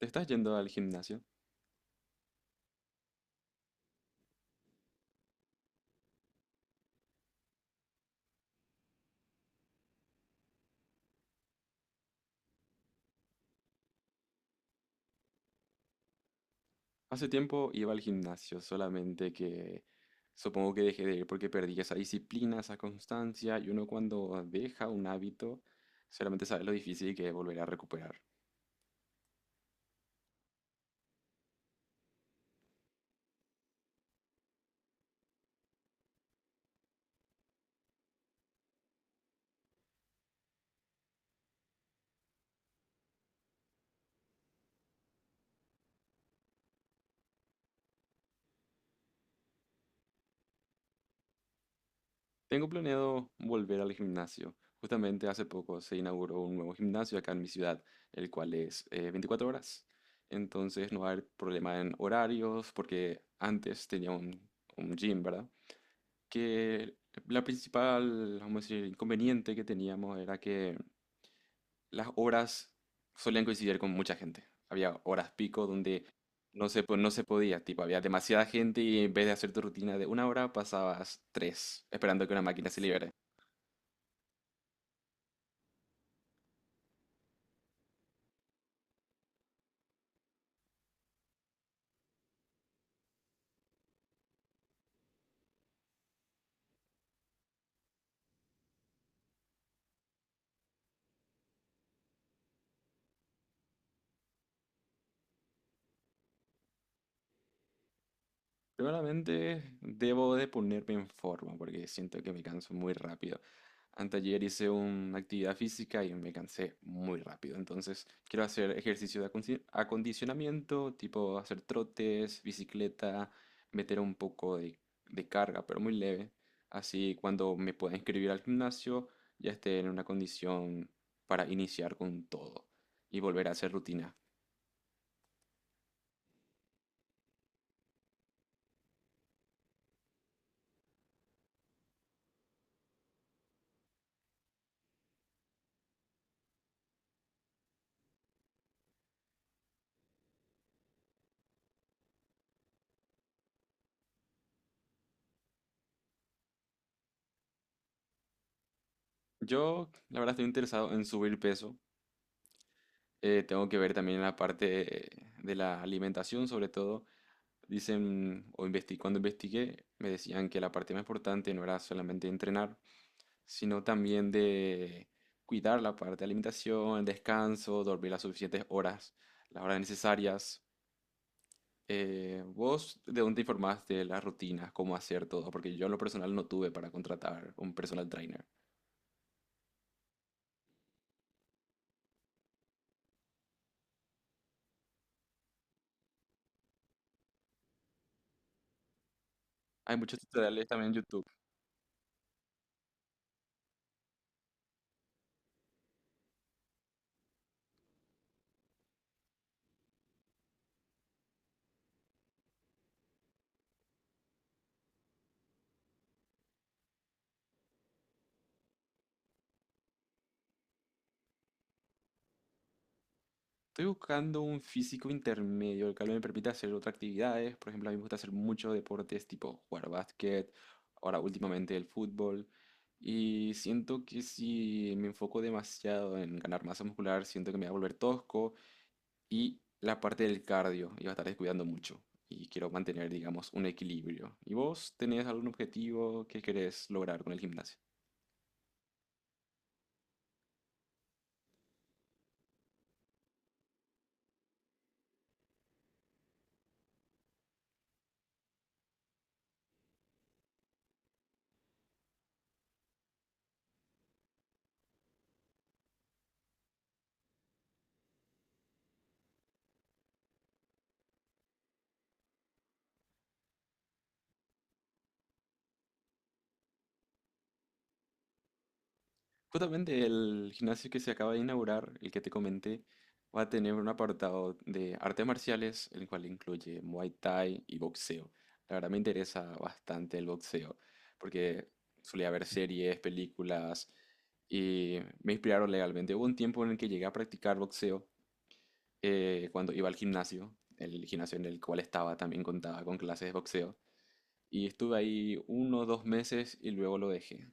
¿Te estás yendo al gimnasio? Hace tiempo iba al gimnasio, solamente que supongo que dejé de ir porque perdí esa disciplina, esa constancia, y uno cuando deja un hábito, solamente sabe lo difícil que es volver a recuperar. Tengo planeado volver al gimnasio. Justamente hace poco se inauguró un nuevo gimnasio acá en mi ciudad, el cual es 24 horas. Entonces no va a haber problema en horarios, porque antes tenía un gym, ¿verdad? Que la principal, vamos a decir, inconveniente que teníamos era que las horas solían coincidir con mucha gente. Había horas pico donde no se podía, tipo, había demasiada gente y en vez de hacer tu rutina de una hora pasabas tres esperando que una máquina se libere. Seguramente debo de ponerme en forma porque siento que me canso muy rápido. Anteayer hice una actividad física y me cansé muy rápido. Entonces quiero hacer ejercicio de acondicionamiento, tipo hacer trotes, bicicleta, meter un poco de carga, pero muy leve. Así cuando me pueda inscribir al gimnasio ya esté en una condición para iniciar con todo y volver a hacer rutina. Yo, la verdad, estoy interesado en subir peso. Tengo que ver también la parte de la alimentación, sobre todo. Dicen, o cuando investigué, me decían que la parte más importante no era solamente entrenar, sino también de cuidar la parte de alimentación, el descanso, dormir las suficientes horas, las horas necesarias. ¿Vos de dónde te informás de las rutinas, cómo hacer todo? Porque yo en lo personal no tuve para contratar un personal trainer. Hay muchos tutoriales también en YouTube. Estoy buscando un físico intermedio, el cual me permita hacer otras actividades. Por ejemplo, a mí me gusta hacer muchos deportes, tipo jugar básquet, ahora últimamente el fútbol. Y siento que si me enfoco demasiado en ganar masa muscular, siento que me va a volver tosco. Y la parte del cardio, iba a estar descuidando mucho. Y quiero mantener, digamos, un equilibrio. ¿Y vos tenés algún objetivo que querés lograr con el gimnasio? Justamente el gimnasio que se acaba de inaugurar, el que te comenté, va a tener un apartado de artes marciales, el cual incluye Muay Thai y boxeo. La verdad me interesa bastante el boxeo, porque solía ver series, películas, y me inspiraron legalmente. Hubo un tiempo en el que llegué a practicar boxeo, cuando iba al gimnasio, el gimnasio en el cual estaba también contaba con clases de boxeo, y estuve ahí 1 o 2 meses y luego lo dejé.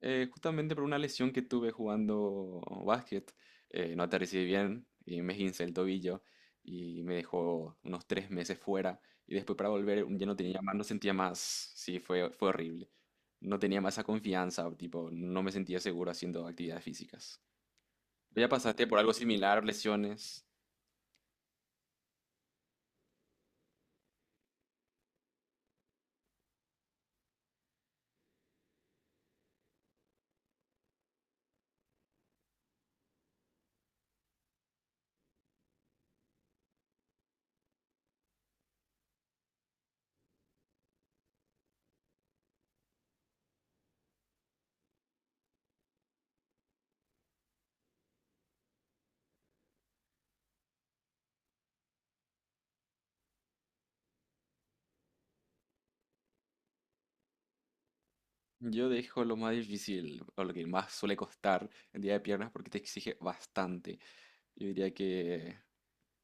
Justamente por una lesión que tuve jugando básquet, no aterricé bien y me esguincé el tobillo y me dejó unos 3 meses fuera y después para volver ya no tenía más, no sentía más, sí, fue horrible. No tenía más esa confianza, tipo, no me sentía seguro haciendo actividades físicas. ¿Ya pasaste por algo similar, lesiones? Yo dejo lo más difícil o lo que más suele costar el día de piernas porque te exige bastante. Yo diría que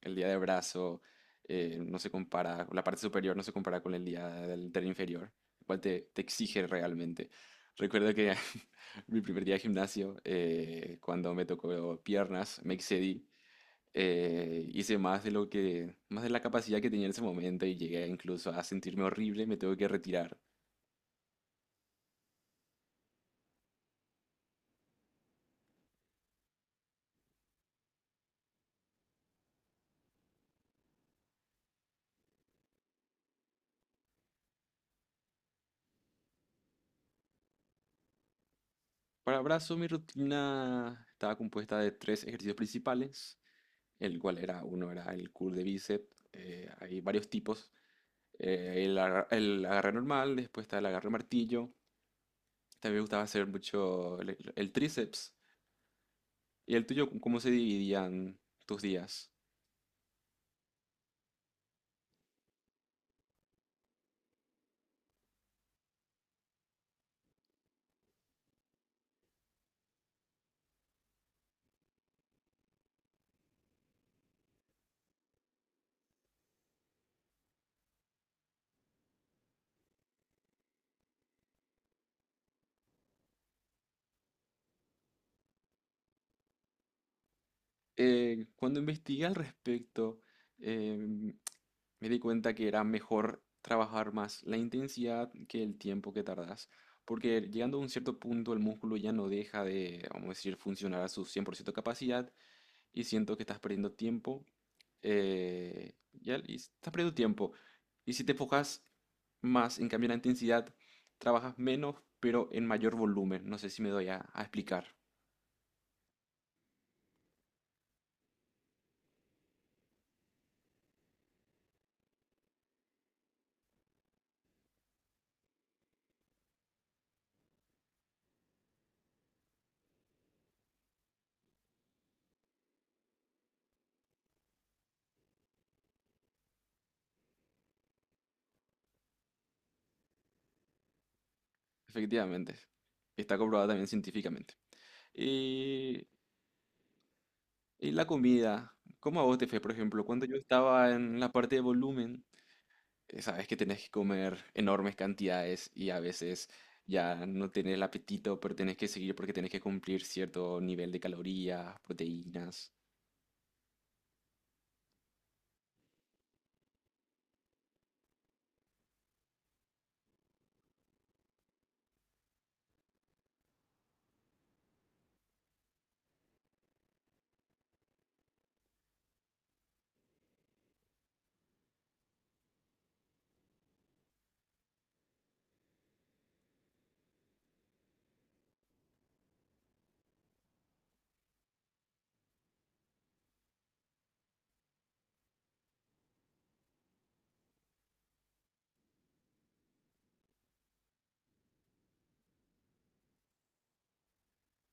el día de brazo no se compara, la parte superior no se compara con el día del inferior, el cual te exige realmente. Recuerdo que mi primer día de gimnasio, cuando me tocó piernas, me excedí. Hice más de lo que, más de la capacidad que tenía en ese momento y llegué incluso a sentirme horrible, me tuve que retirar. Para brazo, mi rutina estaba compuesta de tres ejercicios principales, el cual era, uno era el curl de bíceps, hay varios tipos, el agarre normal, después está el agarre martillo, también me gustaba hacer mucho el tríceps. ¿Y el tuyo, cómo se dividían tus días? Cuando investigué al respecto, em, me di cuenta que era mejor trabajar más la intensidad que el tiempo que tardas, porque llegando a un cierto punto el músculo ya no deja de, vamos a decir, funcionar a su 100% capacidad y siento que estás perdiendo tiempo, ya, y estás perdiendo tiempo. Y si te enfocas más en cambiar la intensidad, trabajas menos, pero en mayor volumen. No sé si me doy a explicar. Efectivamente. Está comprobado también científicamente. Y, y la comida, ¿cómo a vos te fue, por ejemplo? Cuando yo estaba en la parte de volumen, sabes que tenés que comer enormes cantidades y a veces ya no tenés el apetito, pero tenés que seguir porque tenés que cumplir cierto nivel de calorías, proteínas.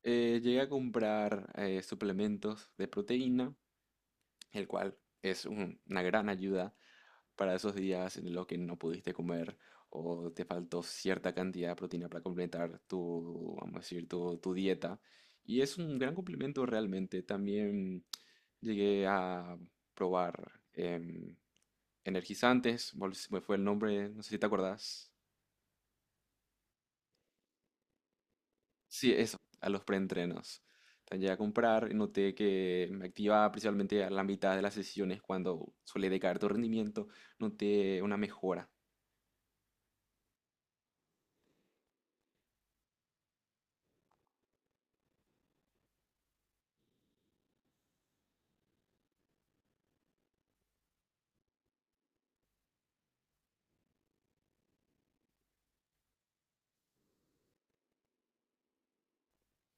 Llegué a comprar suplementos de proteína el cual es una gran ayuda para esos días en los que no pudiste comer o te faltó cierta cantidad de proteína para completar tu, vamos a decir, tu dieta. Y es un gran complemento realmente. También llegué a probar energizantes, se me fue el nombre, no sé si te acordás. Sí, eso, a los preentrenos. Entonces llegué a comprar y noté que me activaba principalmente a la mitad de las sesiones cuando suele decaer tu rendimiento, noté una mejora.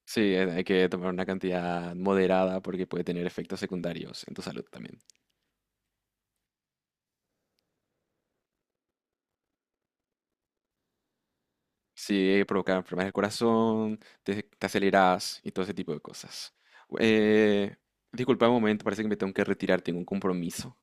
Sí, hay que tomar una cantidad moderada porque puede tener efectos secundarios en tu salud también. Sí, provoca enfermedades del corazón, te aceleras y todo ese tipo de cosas. Eh, Disculpa un momento, parece que me tengo que retirar, tengo un compromiso.